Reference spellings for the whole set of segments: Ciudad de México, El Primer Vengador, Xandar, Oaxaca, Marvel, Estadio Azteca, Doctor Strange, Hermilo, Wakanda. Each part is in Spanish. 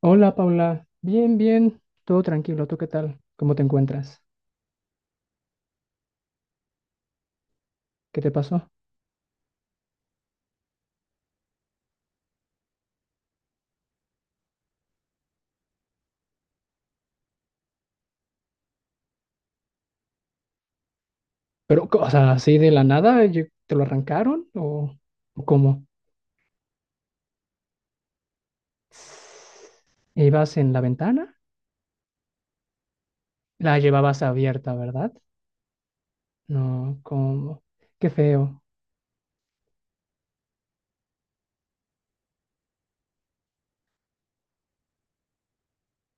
Hola Paula, bien, bien, todo tranquilo, ¿tú qué tal? ¿Cómo te encuentras? ¿Qué te pasó? Pero, o sea, así de la nada, ¿te lo arrancaron o cómo? ¿Ibas en la ventana? La llevabas abierta, ¿verdad? No, cómo, qué feo.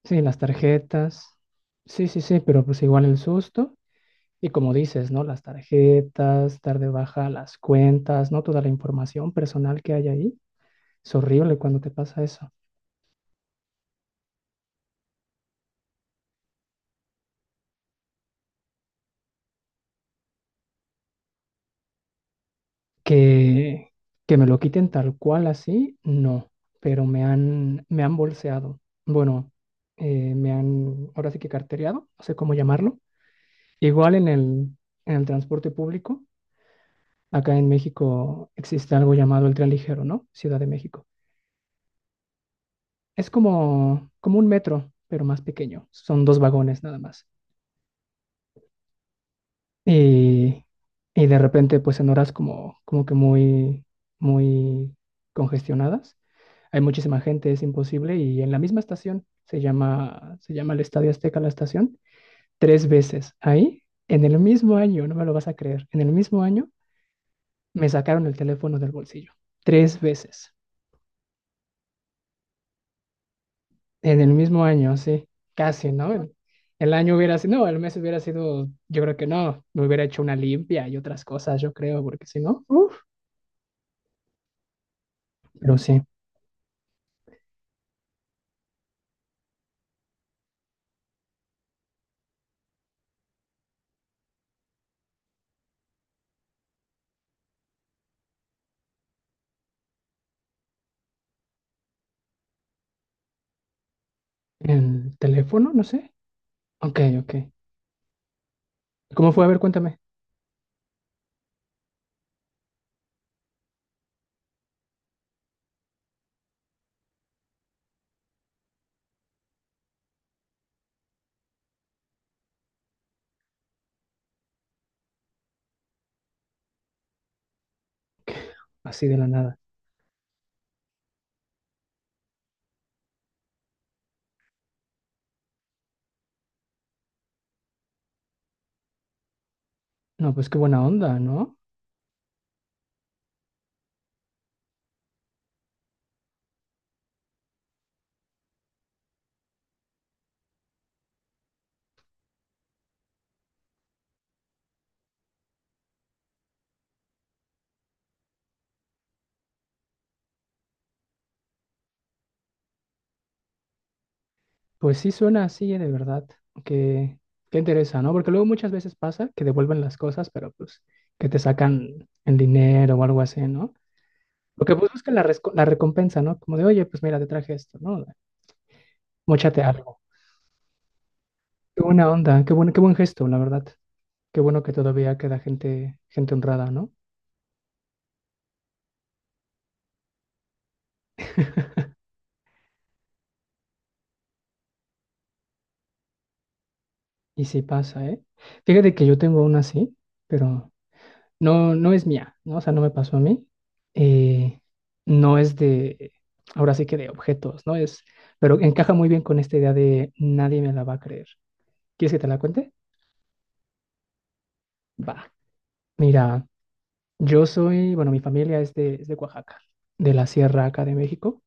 Sí, las tarjetas. Sí, sí, sí, pero pues igual el susto. Y como dices, ¿no? Las tarjetas, dar de baja las cuentas, ¿no? Toda la información personal que hay ahí. Es horrible cuando te pasa eso. Que, que me lo quiten tal cual así, no, pero me han bolseado. Bueno, me han, ahora sí que cartereado, no sé cómo llamarlo. Igual en el transporte público, acá en México existe algo llamado el tren ligero, ¿no? Ciudad de México. Es como un metro, pero más pequeño. Son dos vagones nada más. Y, y de repente, pues en horas como que muy, muy congestionadas hay muchísima gente, es imposible. Y en la misma estación, se llama el Estadio Azteca la estación, tres veces ahí, en el mismo año, no me lo vas a creer, en el mismo año me sacaron el teléfono del bolsillo, tres veces, en el mismo año, sí, casi, ¿no? El año hubiera sido, no, el mes hubiera sido, yo creo que no, me hubiera hecho una limpia y otras cosas, yo creo, porque si no, uff, pero sí, el teléfono, no sé. Ok, ok. ¿Cómo fue? A ver, cuéntame. Así de la nada. No, pues qué buena onda, ¿no? Pues sí suena así, de verdad, que, que interesa, ¿no? Porque luego muchas veces pasa que devuelven las cosas, pero pues que te sacan el dinero o algo así, ¿no? Lo que pues buscan la recompensa, ¿no? Como de, oye, pues mira, te traje esto, ¿no? Móchate algo. Qué buena onda, qué buen gesto, la verdad. Qué bueno que todavía queda gente honrada, ¿no? Y sí pasa, ¿eh? Fíjate que yo tengo una así, pero no, no es mía, ¿no? O sea, no me pasó a mí. eh, no es de, ahora sí que de objetos, ¿no? Pero encaja muy bien con esta idea de nadie me la va a creer. ¿Quieres que te la cuente? Va. Mira, bueno, mi familia es de Oaxaca, de la sierra acá de México.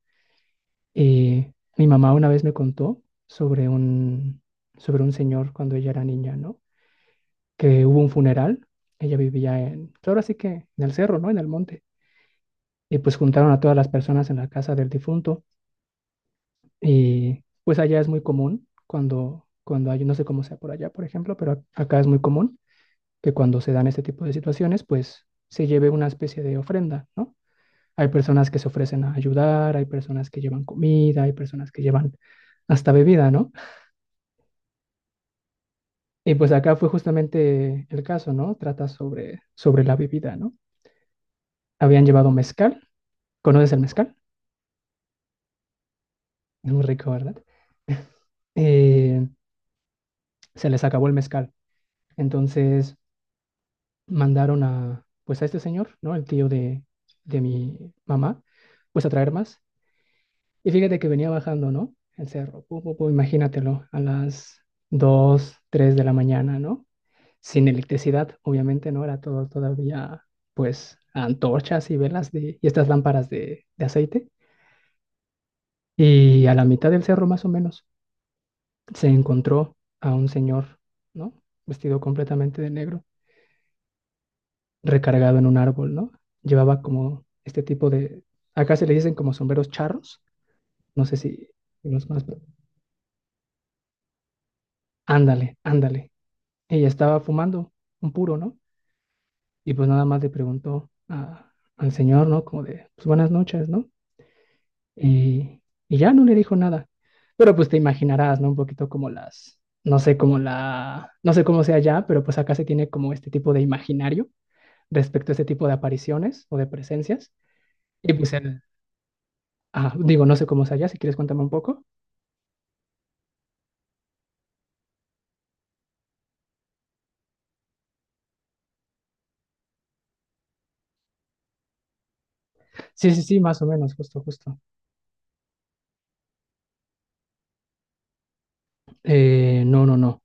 Y mi mamá una vez me contó sobre un señor cuando ella era niña, ¿no? Que hubo un funeral. Ella vivía pues ahora sí que en el cerro, ¿no? En el monte y pues juntaron a todas las personas en la casa del difunto y pues allá es muy común cuando hay, no sé cómo sea por allá, por ejemplo, pero acá es muy común que cuando se dan este tipo de situaciones, pues se lleve una especie de ofrenda, ¿no? Hay personas que se ofrecen a ayudar, hay personas que llevan comida, hay personas que llevan hasta bebida, ¿no? Y pues acá fue justamente el caso, ¿no? Trata sobre la bebida, ¿no? Habían llevado mezcal, ¿conoces el mezcal? Es muy rico, ¿verdad? Eh, se les acabó el mezcal. Entonces mandaron pues a este señor, ¿no? El tío de mi mamá, pues a traer más. Y fíjate que venía bajando, ¿no? El cerro, pu, pu, pu, imagínatelo, a las 2, 3 de la mañana, ¿no? Sin electricidad, obviamente, ¿no? Era todo todavía, pues, antorchas y velas y estas lámparas de aceite. Y a la mitad del cerro, más o menos, se encontró a un señor, ¿no? Vestido completamente de negro recargado en un árbol, ¿no? Llevaba como este tipo de, acá se le dicen como sombreros charros, no sé si los más, pero ándale, ándale. Ella estaba fumando un puro, ¿no? Y pues nada más le preguntó al señor, ¿no? Como de, pues buenas noches, ¿no? Y, y ya no le dijo nada. Pero pues te imaginarás, ¿no? Un poquito como las, no sé, como la, no sé cómo sea ya, pero pues acá se tiene como este tipo de imaginario respecto a este tipo de apariciones o de presencias. Y pues ah, digo, no sé cómo es allá, si quieres cuéntame un poco. Sí, sí, sí, más o menos, justo, justo. No, no, no,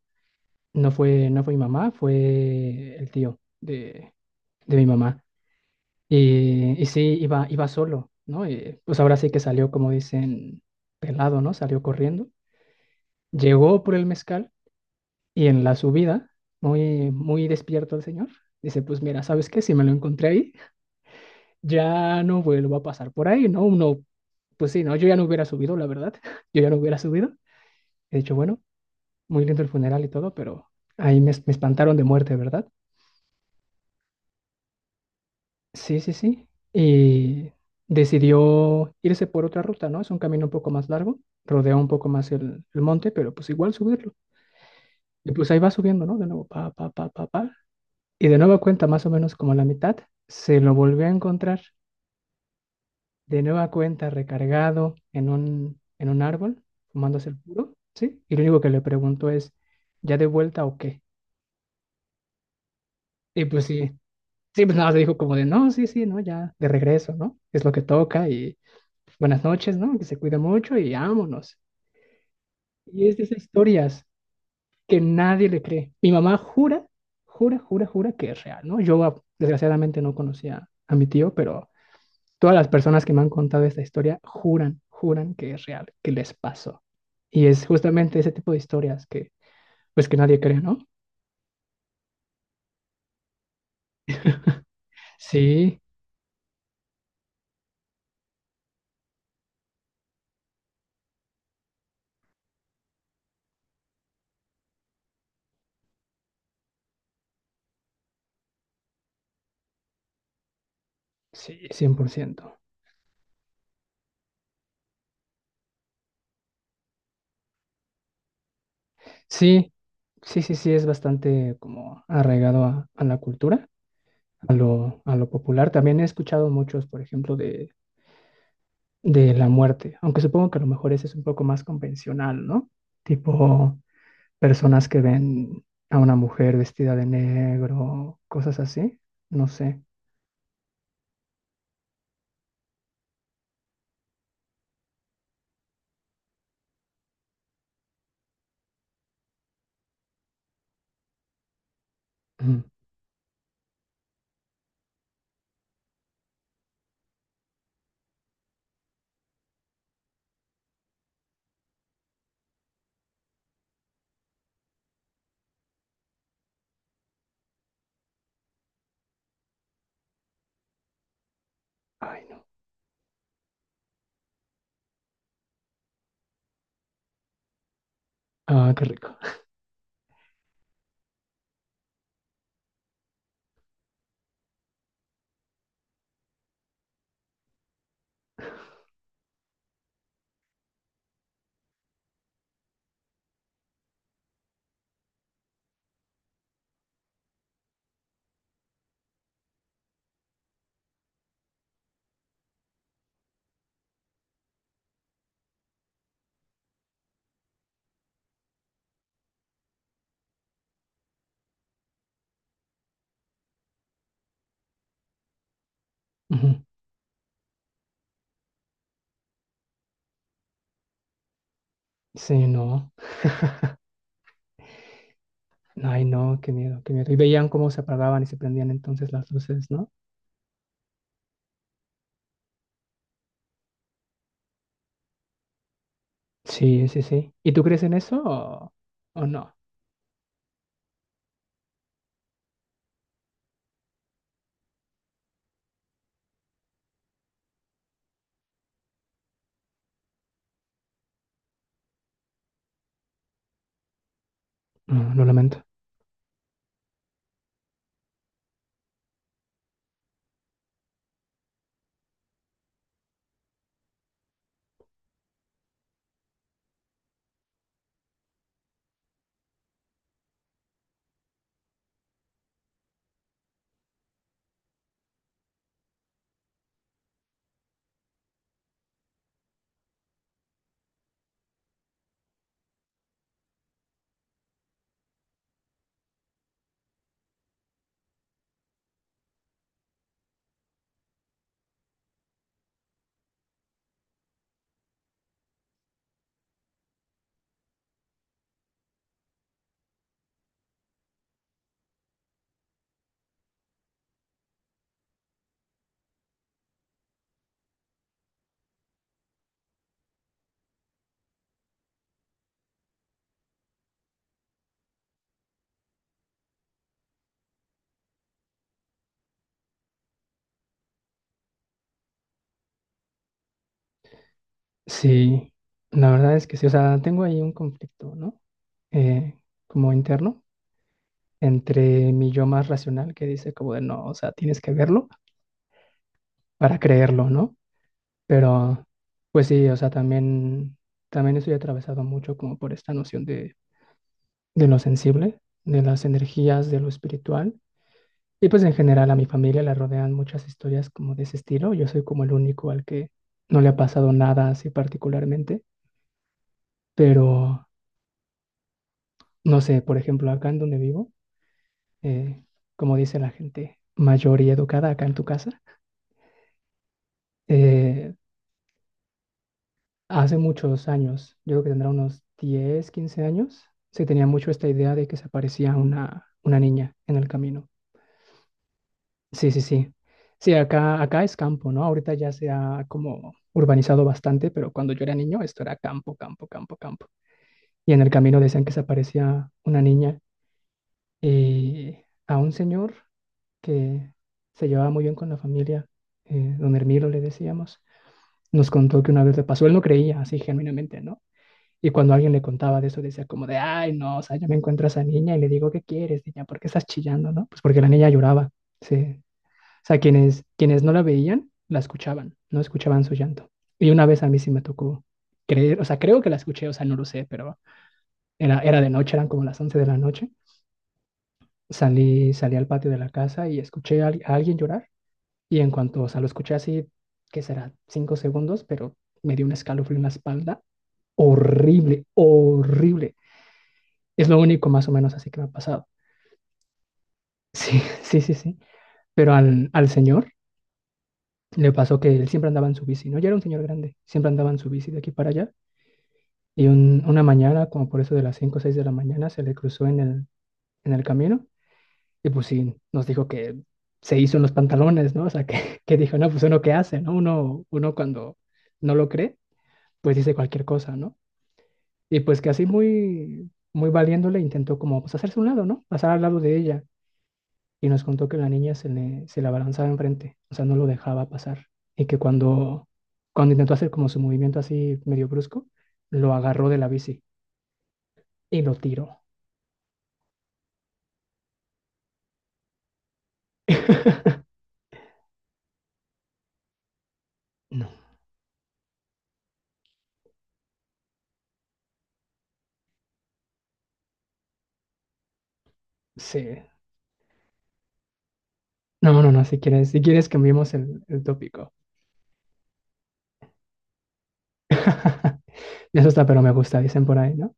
no fue mi mamá, fue el tío de mi mamá. Y sí, iba solo, ¿no? Y, pues ahora sí que salió, como dicen, pelado, ¿no? Salió corriendo. Llegó por el mezcal y en la subida, muy, muy despierto el señor, dice, pues mira, ¿sabes qué? Si me lo encontré ahí, ya no vuelvo a pasar por ahí, ¿no? Uno, pues sí, ¿no? Yo ya no hubiera subido, la verdad, yo ya no hubiera subido. He dicho, bueno, muy lindo el funeral y todo, pero ahí me espantaron de muerte, ¿verdad? Sí, sí, sí. Y decidió irse por otra ruta, ¿no? Es un camino un poco más largo, rodea un poco más el monte, pero pues igual subirlo. Y pues ahí va subiendo, ¿no? De nuevo, pa, pa, pa, pa, pa. Y de nueva cuenta, más o menos como a la mitad, se lo volvió a encontrar, de nueva cuenta, recargado en un árbol, fumándose el puro, ¿sí? Y lo único que le preguntó es, ¿ya de vuelta o qué? Y pues sí. Sí, pues nada, más le dijo como de, no, sí, sí, no, ya, de regreso, ¿no? Es lo que toca y buenas noches, ¿no? Que se cuida mucho y vámonos. Y es de esas historias que nadie le cree. Mi mamá jura, jura, jura, jura que es real, ¿no? Desgraciadamente no conocía a mi tío, pero todas las personas que me han contado esta historia juran, juran que es real, que les pasó. Y es justamente ese tipo de historias pues que nadie cree, ¿no? Sí, sí, 100%. Sí, sí, sí, sí, es bastante como arraigado a la cultura, a lo popular. También he escuchado muchos, por ejemplo, de la muerte, aunque supongo que a lo mejor ese es un poco más convencional, ¿no? Tipo personas que ven a una mujer vestida de negro, cosas así, no sé. Mm. Ay, no. Ah, qué rico. Ujú. Sí, no. Ay, no, qué miedo, qué miedo. Y veían cómo se apagaban y se prendían entonces las luces, ¿no? Sí, sí, sí. ¿Y tú crees en eso o no? No, lo lamento. Sí, la verdad es que sí. O sea, tengo ahí un conflicto, ¿no? Eh, como interno, entre mi yo más racional que dice como de no, o sea, tienes que verlo para creerlo, ¿no? Pero, pues sí, o sea, también estoy atravesado mucho como por esta noción de lo sensible, de las energías, de lo espiritual. Y pues en general a mi familia la rodean muchas historias como de ese estilo. Yo soy como el único al que no le ha pasado nada así particularmente, pero no sé, por ejemplo, acá en donde vivo, eh, como dice la gente mayor y educada acá en tu casa, eh, hace muchos años, yo creo que tendrá unos 10 15 años, se tenía mucho esta idea de que se aparecía una niña en el camino. Sí, sí, sí. Sí, acá es campo, ¿no? Ahorita ya se ha como urbanizado bastante, pero cuando yo era niño esto era campo, campo, campo, campo. Y en el camino decían que se aparecía una niña y a un señor que se llevaba muy bien con la familia, don Hermilo le decíamos, nos contó que una vez le pasó, él no creía así genuinamente, ¿no? Y cuando alguien le contaba de eso, decía como de, ay, no, o sea, yo me encuentro a esa niña y le digo, ¿qué quieres, niña? ¿Por qué estás chillando, no? Pues porque la niña lloraba, sí, o sea, quienes no la veían, la escuchaban, no escuchaban su llanto. Y una vez a mí sí me tocó creer, o sea, creo que la escuché, o sea, no lo sé, pero era de noche, eran como las 11 de la noche. Salí al patio de la casa y escuché a alguien llorar. Y en cuanto, o sea, lo escuché así, ¿que será? Cinco segundos, pero me dio un escalofrío en la espalda. Horrible, horrible. Es lo único más o menos así que me ha pasado. Sí, sí, sí, sí. Pero al señor le pasó que él siempre andaba en su bici, ¿no? Ya era un señor grande, siempre andaba en su bici de aquí para allá. Y una mañana, como por eso de las 5 o 6 de la mañana, se le cruzó en el, camino. Y pues sí, nos dijo que se hizo unos pantalones, ¿no? O sea, que, que dijo, no, pues uno qué hace, ¿no? Uno cuando no lo cree, pues dice cualquier cosa, ¿no? Y pues que así muy, muy valiéndole intentó como pues hacerse a un lado, ¿no? Pasar al lado de ella. Y nos contó que la niña se le abalanzaba enfrente, o sea, no lo dejaba pasar. Y que cuando intentó hacer como su movimiento así medio brusco, lo agarró de la bici y lo tiró. No, sí. No, no, no, si quieres cambiemos el tópico. Eso está, pero me gusta, dicen por ahí, ¿no?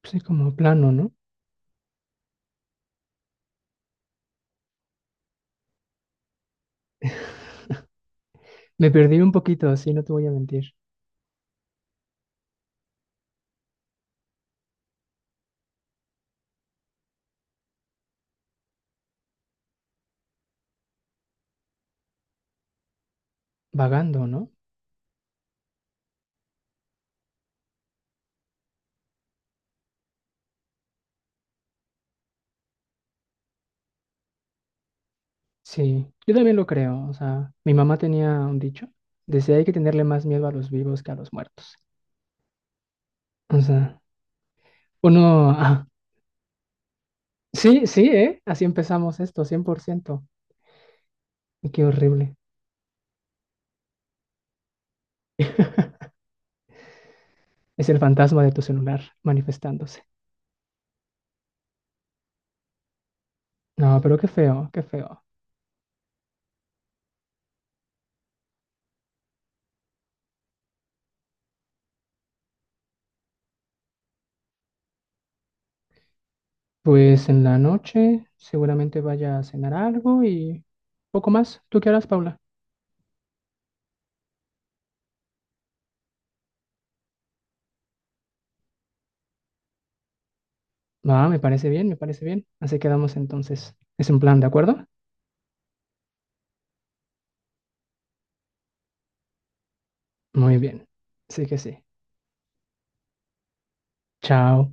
Pues sí, como plano, ¿no? Me perdí un poquito, así no te voy a mentir. Vagando, ¿no? Sí, yo también lo creo. O sea, mi mamá tenía un dicho. Decía hay que tenerle más miedo a los vivos que a los muertos. O sea, uno, ah, sí, sí, ¿eh? Así empezamos esto, 100%. Y qué horrible. Es el fantasma de tu celular manifestándose. No, pero qué feo, qué feo. Pues en la noche seguramente vaya a cenar algo y poco más. ¿Tú qué harás, Paula? Ah, me parece bien, me parece bien. Así quedamos entonces. ¿Es un plan, de acuerdo? Muy bien. Sí que sí. Chao.